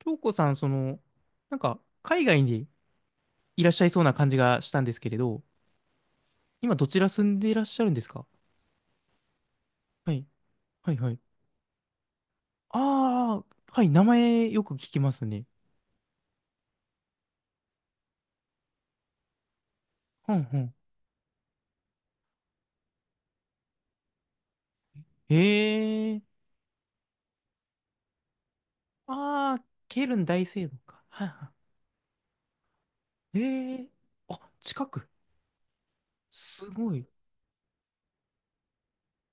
京子さん、海外にいらっしゃいそうな感じがしたんですけれど、今どちら住んでいらっしゃるんですか？はい、はい、はい。ああ、はい、名前よく聞きますね。うん、うん。へえ、ああ、ケルン大聖堂か。はい、はい。へえ、あ、近く。すごい。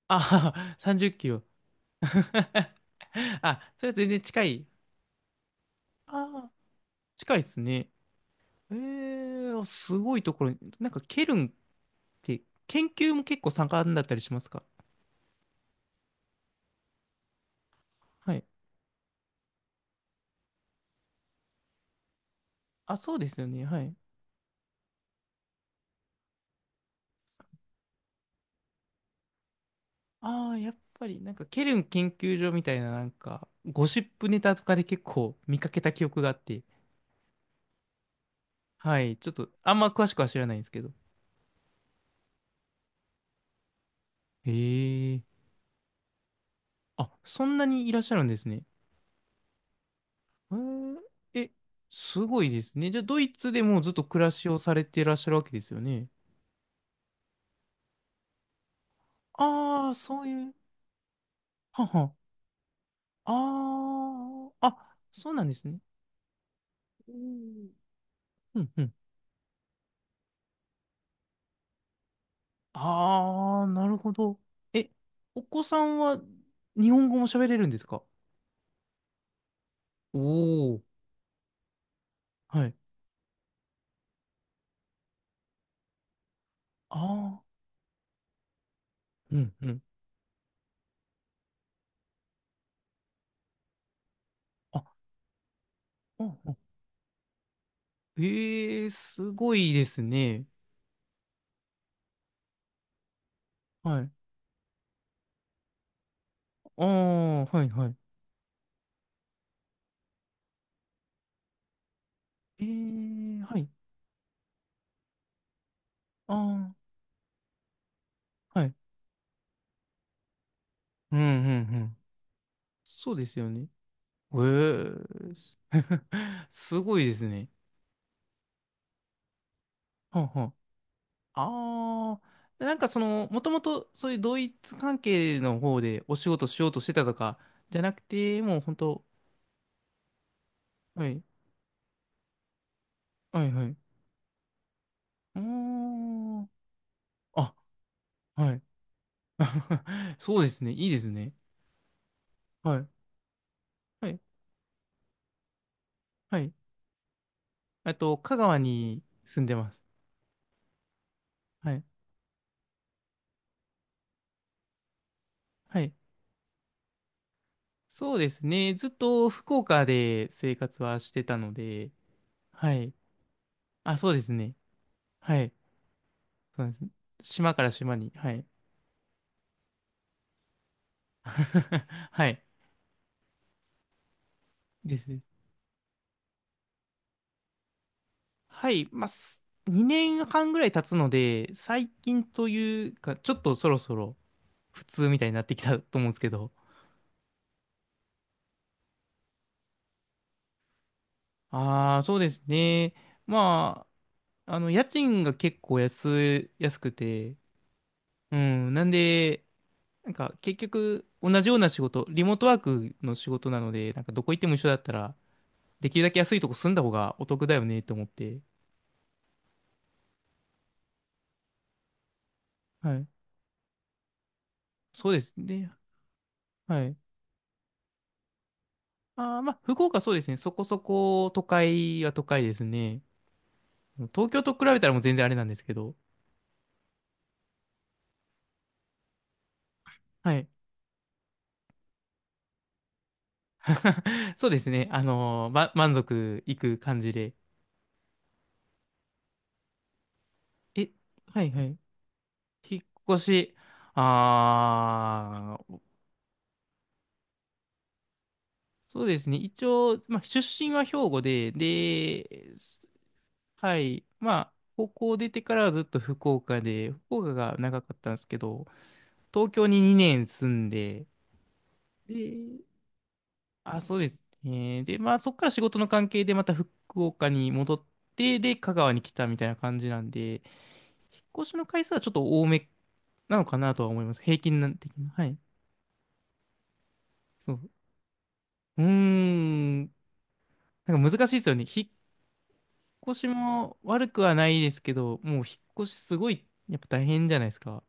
ああ、30キロ。あ、それは全然近い。ああ、近いですね。ええ、すごいところに、ケルンで、研究も結構盛んだったりしますか？はい。あ、そうですよね。はい。ああ、やっぱり、ケルン研究所みたいな、ゴシップネタとかで結構見かけた記憶があって、はい。ちょっと、あんま詳しくは知らないんですけど。へえ。あ、そんなにいらっしゃるんですね。へえ、えすごいですね。じゃあ、ドイツでもうずっと暮らしをされていらっしゃるわけですよね。ああ、そういう。はは。ああ、あ、そうなんですね。うんうんうん、ああ、なるほど。え、お子さんは日本語も喋れるんですか？おおー。はい。ああ、うんうん。あ、あ、あ、ええー、すごいですね。はい。ああ、はいはい。ええー、はい。ああ、はい。うんうんうん。そうですよね。ええーす、 すごいですね。はあは、ああ、その、もともとそういう同一関係の方でお仕事しようとしてたとか、じゃなくて、もう本当、はい、はい、はい。うーん。あ、はい。そうですね。いいですね。はい、はい、はい。あと、香川に住んでます。はい、はい。そうですね。ずっと福岡で生活はしてたので、はい。あ、そうですね。はい。そうなんです。島から島に、はい。はい。ですね。はい、す、2年半ぐらい経つので、最近というか、ちょっとそろそろ普通みたいになってきたと思うんですけど、ああ、そうですね。ま家賃が結構安、安くて、うん、なんで、結局同じような仕事、リモートワークの仕事なので、なんかどこ行っても一緒だったら、できるだけ安いとこ住んだ方がお得だよねと思って、はい、そうですね。はい。ああ、まあ、福岡そうですね。そこそこ都会は都会ですね。東京と比べたらもう全然あれなんですけど、はい。そうですね。満足いく感じで。え、はいはい。引っ越し、あー、そうですね。一応、まあ、出身は兵庫で、で、はい。まあ、高校出てからはずっと福岡で、福岡が長かったんですけど、東京に2年住んで、で、あ、そうですね。で、まあ、そこから仕事の関係でまた福岡に戻って、で、香川に来たみたいな感じなんで、引っ越しの回数はちょっと多めなのかなとは思います。平均なん的な。はい。そう。うーん。なんか難しいですよね。引っ越しも悪くはないですけど、もう引っ越しすごい、やっぱ大変じゃないですか。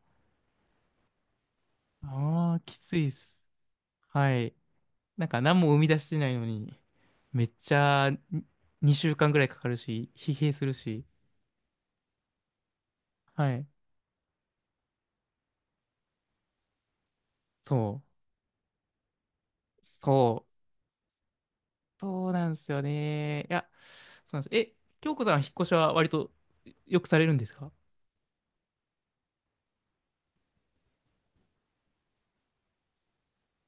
ああ、きついです。はい。なんか何も生み出してないのに、めっちゃに2週間ぐらいかかるし、疲弊するし。はい。そう。そう。そうなんですよね。いや、そうなんです。え、京子さんは引っ越しは割とよくされるんですか？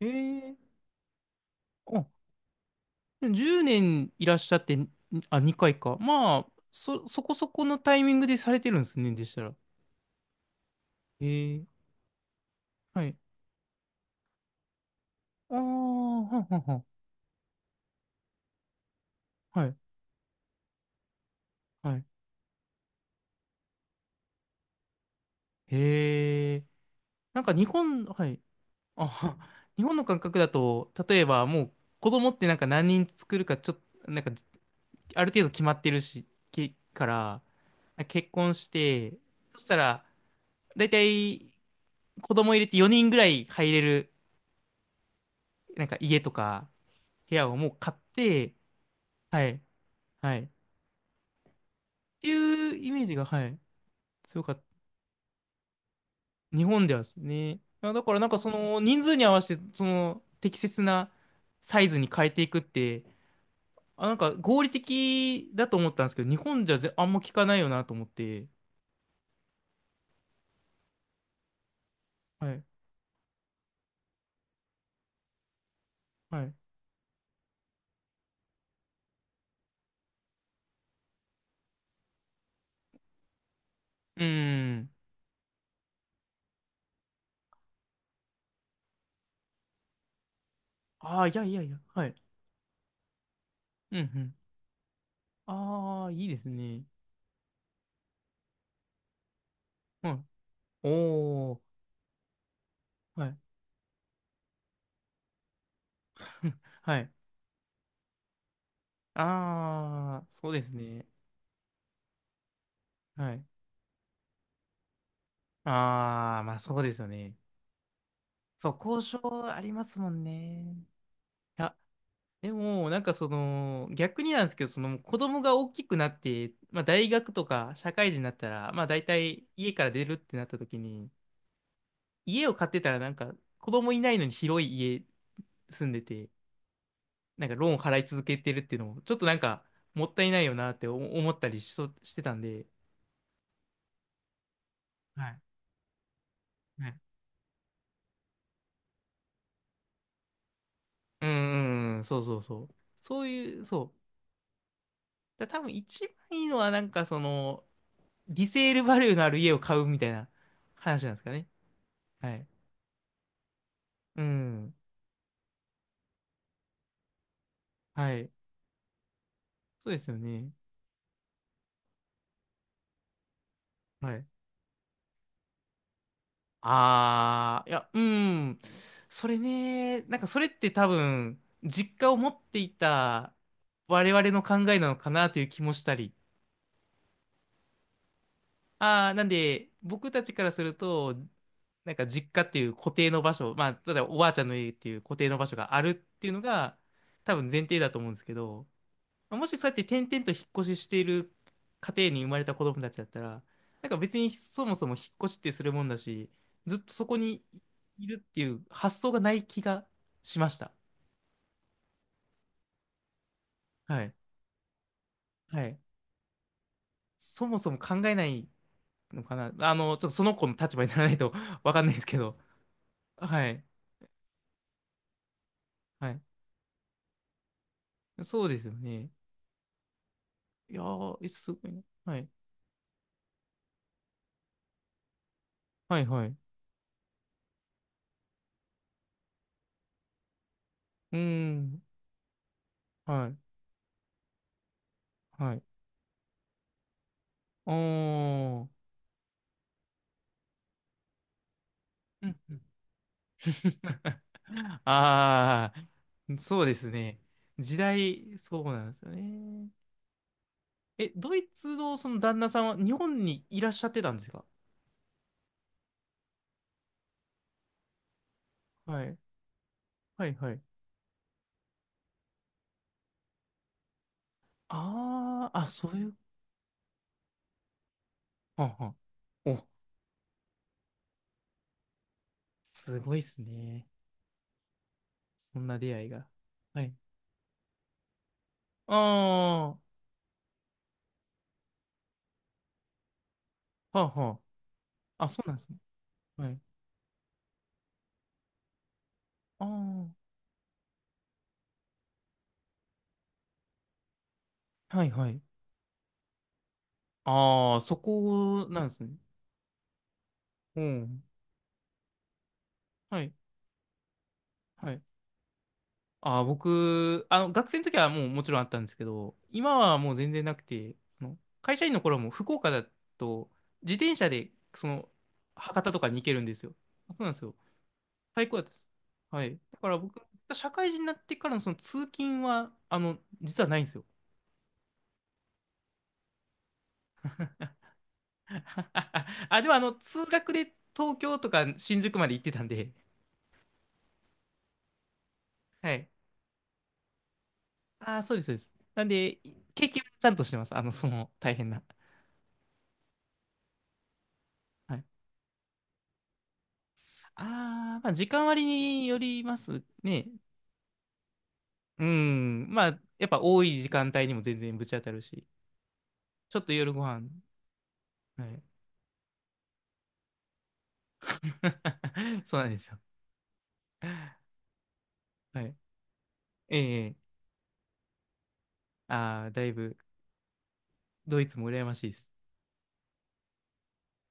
ええー、うん。10年いらっしゃって、ん、あ、2回か。まあ、そ、そこそこのタイミングでされてるんですね、でしたら。ええ、はい。ああ、はんはんはん。はい、はい。へえ。なんか日本、はい。あ、は日本の感覚だと、例えばもう子供ってなんか何人作るかちょっと、ある程度決まってるし、け、から、結婚して、そしたら、だいたい子供入れて4人ぐらい入れる、なんか家とか部屋をもう買って、はい、はい。っていうイメージが、はい、強かった。日本ではですね。あ、だからその人数に合わせて、その適切なサイズに変えていくって、あ、なんか合理的だと思ったんですけど、日本じゃぜあんま聞かないよなと思って。はい、はい。うーん。ああ、いやいやいや、はい。うんうん。ああ、いいですね。うん。おお、はい。はい。ああ、そうですね。はい。ああ、まあそうですよね。そう、交渉ありますもんね。いや、でも、その、逆になんですけど、その子供が大きくなって、まあ大学とか社会人になったら、まあ大体家から出るってなった時に、家を買ってたらなんか子供いないのに広い家住んでて、なんかローン払い続けてるっていうのも、ちょっとなんか、もったいないよなって思ったりししてたんで、はい。はい、うんうんうん、そうそうそう。そういう、そう。だ、多分一番いいのはリセールバリューのある家を買うみたいな話なんですかね。はい。うん。はい。そうですよね。はい。あー、いや、うん。それね、なんかそれって多分、実家を持っていた我々の考えなのかなという気もしたり。ああ、なんで、僕たちからすると、なんか実家っていう固定の場所、まあ、例えばおばあちゃんの家っていう固定の場所があるっていうのが、多分前提だと思うんですけど、もしそうやって転々と引っ越ししている家庭に生まれた子供たちだったら、なんか別にそもそも引っ越しってするもんだし、ずっとそこにいるっていう発想がない気がしました。はい。はい。そもそも考えないのかな。あの、ちょっとその子の立場にならないと わかんないですけど。はい。はい、そうですよね。いやー、え、すごいな。はい。はいはい。うーん。はい。はい。おー。うんうん、 ああ、そうですね。時代、そうなんですよね。え、ドイツのその旦那さんは日本にいらっしゃってたんですか？はい。はいはい。ああ、あ、そういう。はんはん、お、すごいっすね。そんな出会いが。はい。ああ、はあはあ。あ、そうなんですね。はい。ああ。はいはい。ああ、そこなんですね。うん。はい。はい。ああ、僕、あの、学生の時はもうもちろんあったんですけど、今はもう全然なくて、その会社員の頃も福岡だと、自転車で、その、博多とかに行けるんですよ。そうなんですよ。最高だったです。はい。だから僕、社会人になってからのその通勤は、あの、実はないんですよ。あ、でもあの、通学で東京とか新宿まで行ってたんで、はい。ああ、そうです、そうです。なんで、経験はちゃんとしてます。あの、その、大変な。はい。ああ、まあ、時間割によりますね。うん。まあ、やっぱ多い時間帯にも全然ぶち当たるし。ちょっと夜ご飯。はい。そうなんですよ。はい。ええ、ああー、だいぶ、ドイツも羨ましいです。